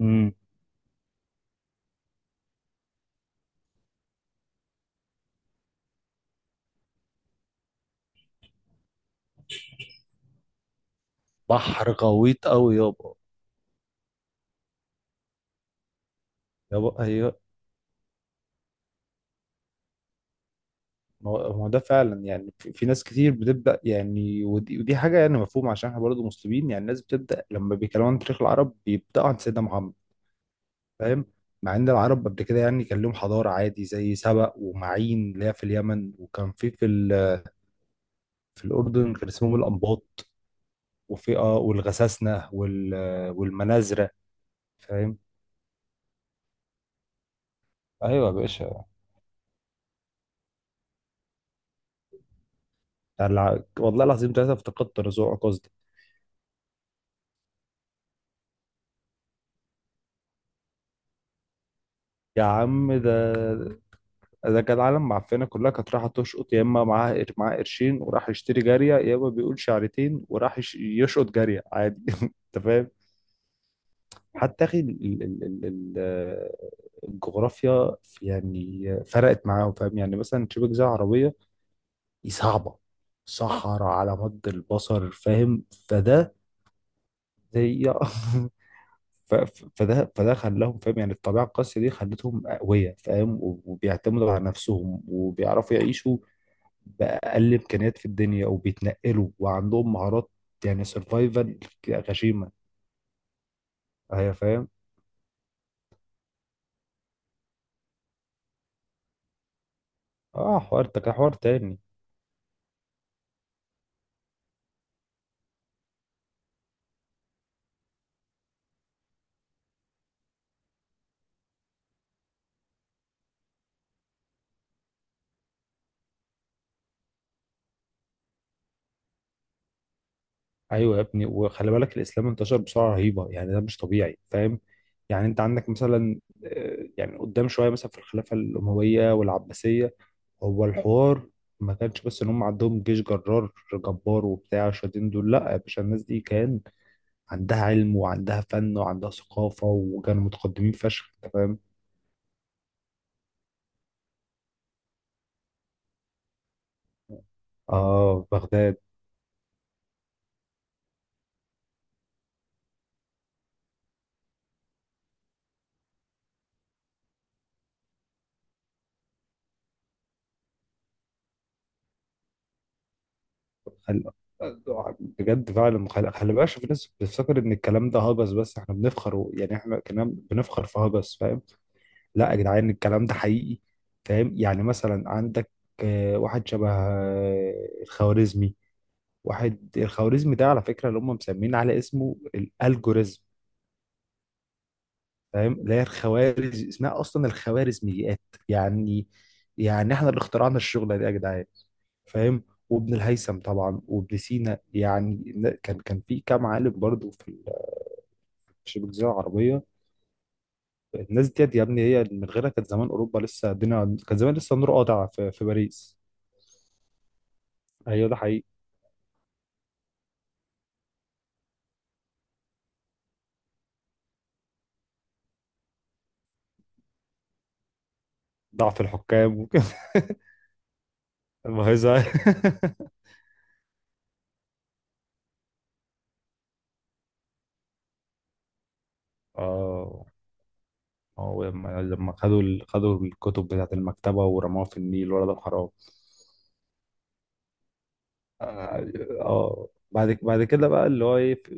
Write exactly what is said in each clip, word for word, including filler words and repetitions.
امم بحر غويط قوي يابا. يابا، هي ما هو ما هو ده فعلا. يعني في, في ناس كتير بتبدا، يعني ودي, ودي حاجه يعني مفهومه، عشان احنا برضه مسلمين. يعني الناس بتبدا لما بيتكلموا عن تاريخ العرب بيبداوا عن سيدنا محمد. فاهم؟ مع ان العرب قبل كده يعني كان لهم حضاره عادي، زي سبأ ومعين اللي هي في اليمن، وكان في في ال- في الاردن كان اسمهم الانباط. وفي اه والغساسنه وال والمنازره. فاهم؟ ايوه يا باشا. يعني الع- والله العظيم ثلاثه افتقدت رزوع قصدي. يا عم ده، ده كان العالم معفنه كلها كانت رايحه تشقط، يا اما معاها قر- معاه قرشين وراح يشتري جاريه، يا اما بيقول شعرتين وراح يش- يشقط جاريه عادي. انت فاهم؟ حتى اخي ال- ال- ال- ال- آه، الجغرافيا في- يعني فرقت معاهم. فاهم يعني مثلا شبه جزيره عربيه دي صعبه، صحراء على مد البصر. فاهم؟ فده زي ف- ف- فده فده خلاهم. فاهم يعني الطبيعه القاسيه دي خلتهم اقوياء. فاهم؟ وبيعتمدوا على نفسهم وبيعرفوا يعيشوا بأقل إمكانيات في الدنيا، وبيتنقلوا وعندهم مهارات. يعني سرفايفل غشيمة. أيوة فاهم. اه، حوار ده حوار تاني. ايوه يا ابني، وخلي بالك الاسلام انتشر بسرعه رهيبه. يعني ده مش طبيعي. فاهم يعني انت عندك مثلا، آه، يعني قدام شويه مثلا، في الخلافه الامويه والعباسيه. هو الحوار ما كانش بس ان هم عندهم جيش جرار جبار وبتاع شادين دول. لا يا باشا، الناس دي كان عندها علم وعندها فن وعندها ثقافه، وكانوا متقدمين فشخ. انت فاهم؟ اه، بغداد. خل... بجد فعلا خل... خلي بالك، عشان في ناس بتفتكر ان الكلام ده هجس، بس احنا بنفخر و... يعني احنا كنا بنفخر في هجس. فاهم؟ لا يا جدعان، الكلام ده حقيقي. فاهم يعني مثلا عندك آه، واحد شبه آه، الخوارزمي. واحد الخوارزمي ده على فكره، اللي هم مسمين على اسمه الالجوريزم. فاهم؟ اللي هي الخوارز اسمها اصلا الخوارزميات. يعني، يعني احنا اللي اخترعنا الشغله دي يا جدعان. فاهم؟ وابن الهيثم طبعا وابن سينا، يعني ن- كان كان في كام عالم برضو في ال- في الجزيره العربيه. الناس ديت يا ابني، هي من غيرها كانت زمان اوروبا لسه الدنيا، كان زمان لسه النور قاطع في, في باريس. ايوه، ده حقيقي. ضعف الحكام وكده. المهزة. اه، هو لما لما خدوا ال- خدوا الكتب بتاعت المكتبة ورموها في النيل، ولا ده حرام؟ اه. آه. بعد ك- بعد كده بقى اللي هو ايه، في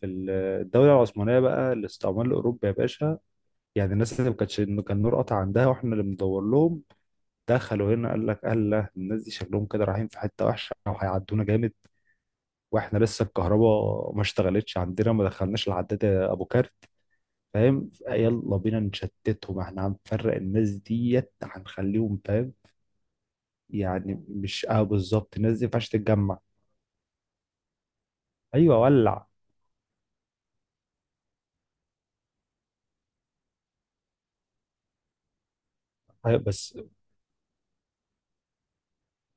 في الدولة العثمانية بقى الاستعمار الأوروبي يا باشا. يعني الناس اللي ما كانتش، انه كان نور قطع عندها واحنا اللي بندور لهم، دخلوا هنا قال لك الله الناس دي شكلهم كده رايحين في حته وحشه او هيعدونا جامد. واحنا لسه الكهرباء ما اشتغلتش عندنا، ما دخلناش العداد ابو كارت. فاهم؟ يلا بينا نشتتهم، احنا هنفرق الناس ديت، هنخليهم فاهم. يعني مش، اه بالظبط، الناس دي ما ينفعش تتجمع. ايوه، ولع. أيوة بس،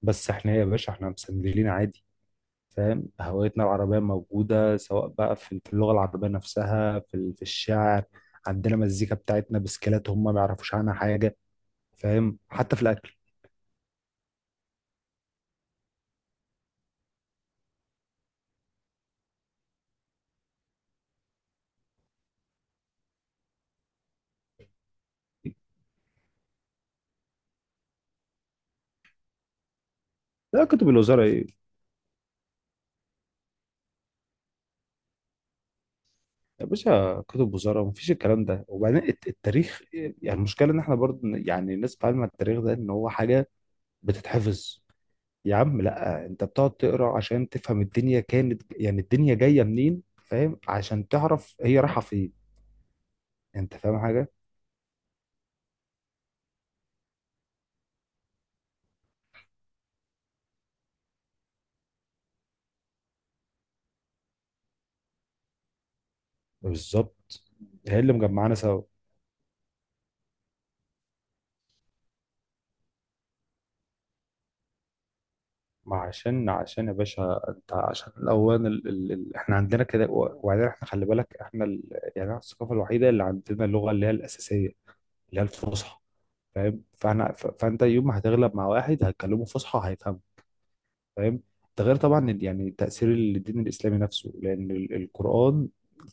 بس احنا إيه يا باشا، احنا مسندلين عادي. فاهم؟ هويتنا العربية موجودة، سواء بقى في في اللغة العربية نفسها، في ال- في الشعر. عندنا مزيكا بتاعتنا بسكيلات هم ما يعرفوش عنها حاجة. فاهم؟ حتى في الأكل. لا، كتب الوزارة إيه؟ يا باشا كتب وزارة مفيش الكلام ده. وبعدين الت- التاريخ إيه؟ يعني المشكلة إن إحنا برضه ن- يعني الناس بتتعلم التاريخ ده إن هو حاجة بتتحفظ. يا عم لا، أنت بتقعد تقرأ عشان تفهم الدنيا كانت، يعني الدنيا جاية منين، فاهم عشان تعرف هي رايحة فين. أنت فاهم حاجة؟ بالظبط. هي اللي مجمعانا سوا. ما عشان، عشان يا باشا انت، عشان الاوان ال... ال... ال... احنا عندنا كده و- وبعدين احنا خلي بالك احنا ال... يعني احنا الثقافه الوحيده اللي عندنا اللغه اللي هي الاساسيه، اللي هي الفصحى. فاهم؟ فاحنا ف... فانت يوم ما هتغلب مع واحد هتكلمه فصحى هيفهمك. فاهم؟ ده غير طبعا ال- يعني تأثير الدين الإسلامي نفسه، لأن ال- القرآن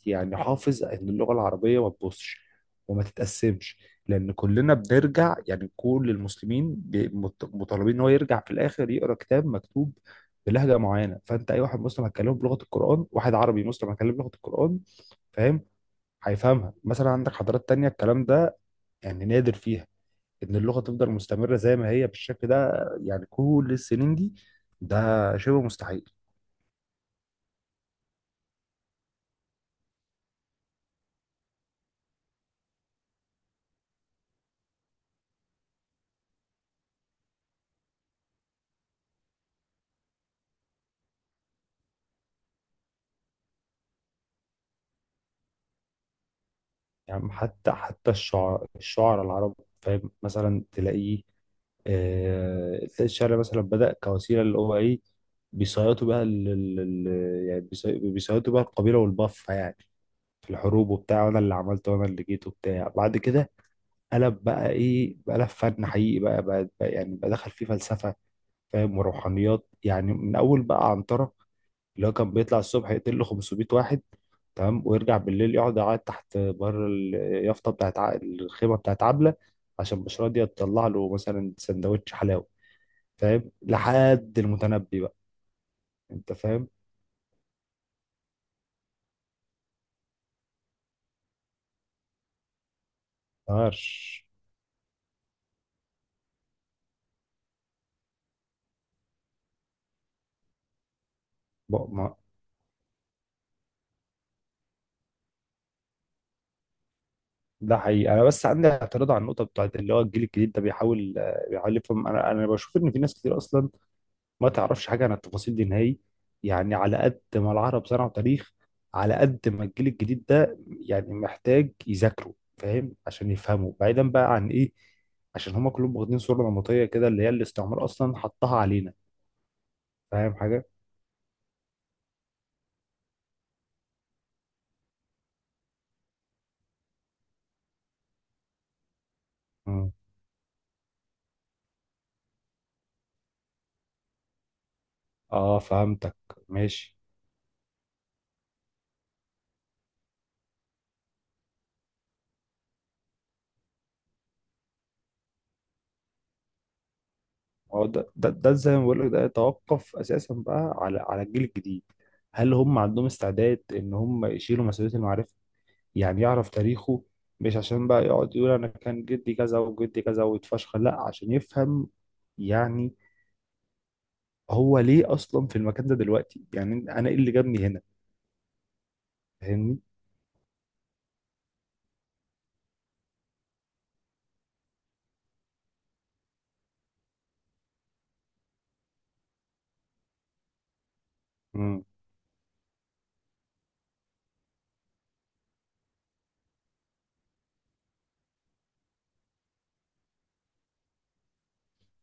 يعني حافظ إن اللغة العربية ما تبصش وما تتقسمش، لأن كلنا بنرجع. يعني كل المسلمين بي- مط- مطالبين إن هو يرجع في الآخر يقرأ كتاب مكتوب بلهجة معينة. فأنت أي واحد مسلم هتكلمه بلغة القرآن، واحد عربي مسلم هتكلمه بلغة القرآن. فاهم؟ هيفهمها. مثلا عندك حضارات تانية، الكلام ده يعني نادر فيها، ان اللغه تفضل مستمره زي ما هي بالشكل ده، يعني كل السنين دي. ده شبه مستحيل. يعني حتى حتى الشعراء الشعراء العرب، فاهم مثلا تلاقيه. آه، تلاقي الشعر مثلا بدأ كوسيله اللي هو ايه، بيصيطوا بها ال- ال- ال- يعني بيصي- بيصيطوا بها القبيله والبفه، يعني في الحروب وبتاع، وانا اللي عملته وانا اللي جيت وبتاع. بعد كده قلب بقى ايه، بقى قلب فن حقيقي، بقى, بقى, بقى يعني بقى دخل فيه فلسفه. فاهم؟ وروحانيات. يعني من اول بقى عنترة، اللي هو كان بيطلع الصبح يقتل له خمسمية واحد. تمام. ويرجع بالليل يقعد يعيط تحت بره اليافطه بتاعت ع- الخيمه بتاعت عبله، عشان مش راضيه تطلع له مثلا سندوتش حلاوه. فاهم؟ لحد المتنبي بقى. انت فاهم؟ طرش. بق- ما ده حقيقي. انا بس عندي اعتراض على النقطه بتاعت اللي هو الجيل الجديد ده، بيحاول، آه، بيحاول يفهم. انا انا بشوف ان في ناس كتير اصلا ما تعرفش حاجة عن التفاصيل دي نهائي. يعني على قد ما العرب صنعوا تاريخ، على قد ما الجيل الجديد ده يعني محتاج يذاكروا. فاهم؟ عشان يفهموا بعيدا بقى عن ايه، عشان هما كلهم واخدين صورة نمطية كده اللي هي الاستعمار أصلا حطها علينا. فاهم حاجة؟ مم. اه، فهمتك. ماشي. ما هو ده ده, ده زي ما بقول لك، ده يتوقف أساسا بقى على على الجيل الجديد. هل هم عندهم استعداد إن هم يشيلوا مسؤولية المعرفة، يعني يعرف تاريخه؟ مش عشان بقى يقعد يقول انا كان جدي كذا وجدي كذا ويتفشخر، لا عشان يفهم. يعني هو ليه اصلا في المكان ده دلوقتي، يعني انا ايه اللي جابني هنا. فاهمني؟ امم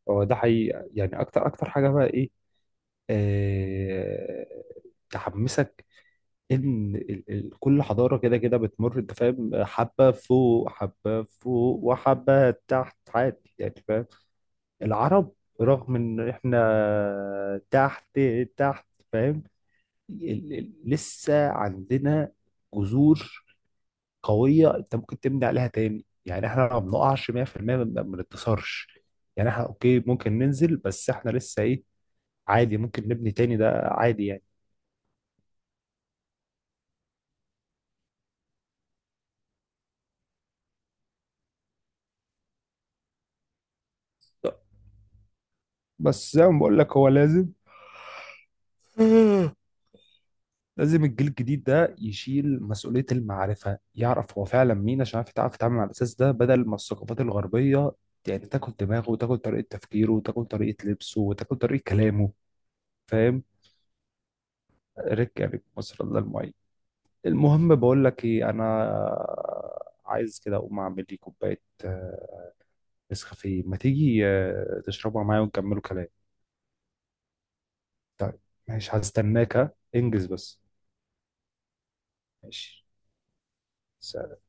هو ده حقيقي. يعني اكتر اكتر حاجه بقى ايه، آه... تحمسك، ان ال... ال... كل حضاره كده كده بتمر. انت فاهم؟ حبه فوق حبه فوق وحبه تحت، عادي يعني. فاهم؟ العرب، رغم ان احنا تحت، تحت، فاهم، ال- ال- لسه عندنا جذور قوية، انت ممكن تبني عليها تاني. يعني احنا ما بنقعش مية في المية، ما ما بنتكسرش. يعني احنا اوكي، ممكن ننزل بس احنا لسه ايه. عادي، ممكن نبني تاني، ده عادي يعني. بس زي ما بقول لك هو لازم. لازم الجيل الجديد ده يشيل مسؤولية المعرفة، يعرف هو فعلا مين، عشان يعرف يتعرف يتعامل على الأساس ده، بدل ما الثقافات الغربية يعني تاكل دماغه وتاكل طريقة تفكيره وتاكل طريقة لبسه وتاكل طريقة كلامه. فاهم؟ ركة رك مصر الله المعين. المهم بقول لك ايه، انا عايز كده اقوم اعمل لي كوبايه آه، نسكافيه. ما تيجي آه، تشربها معايا ونكملوا كلام. طيب، ماشي هستناك، ها انجز بس. ماشي. سلام.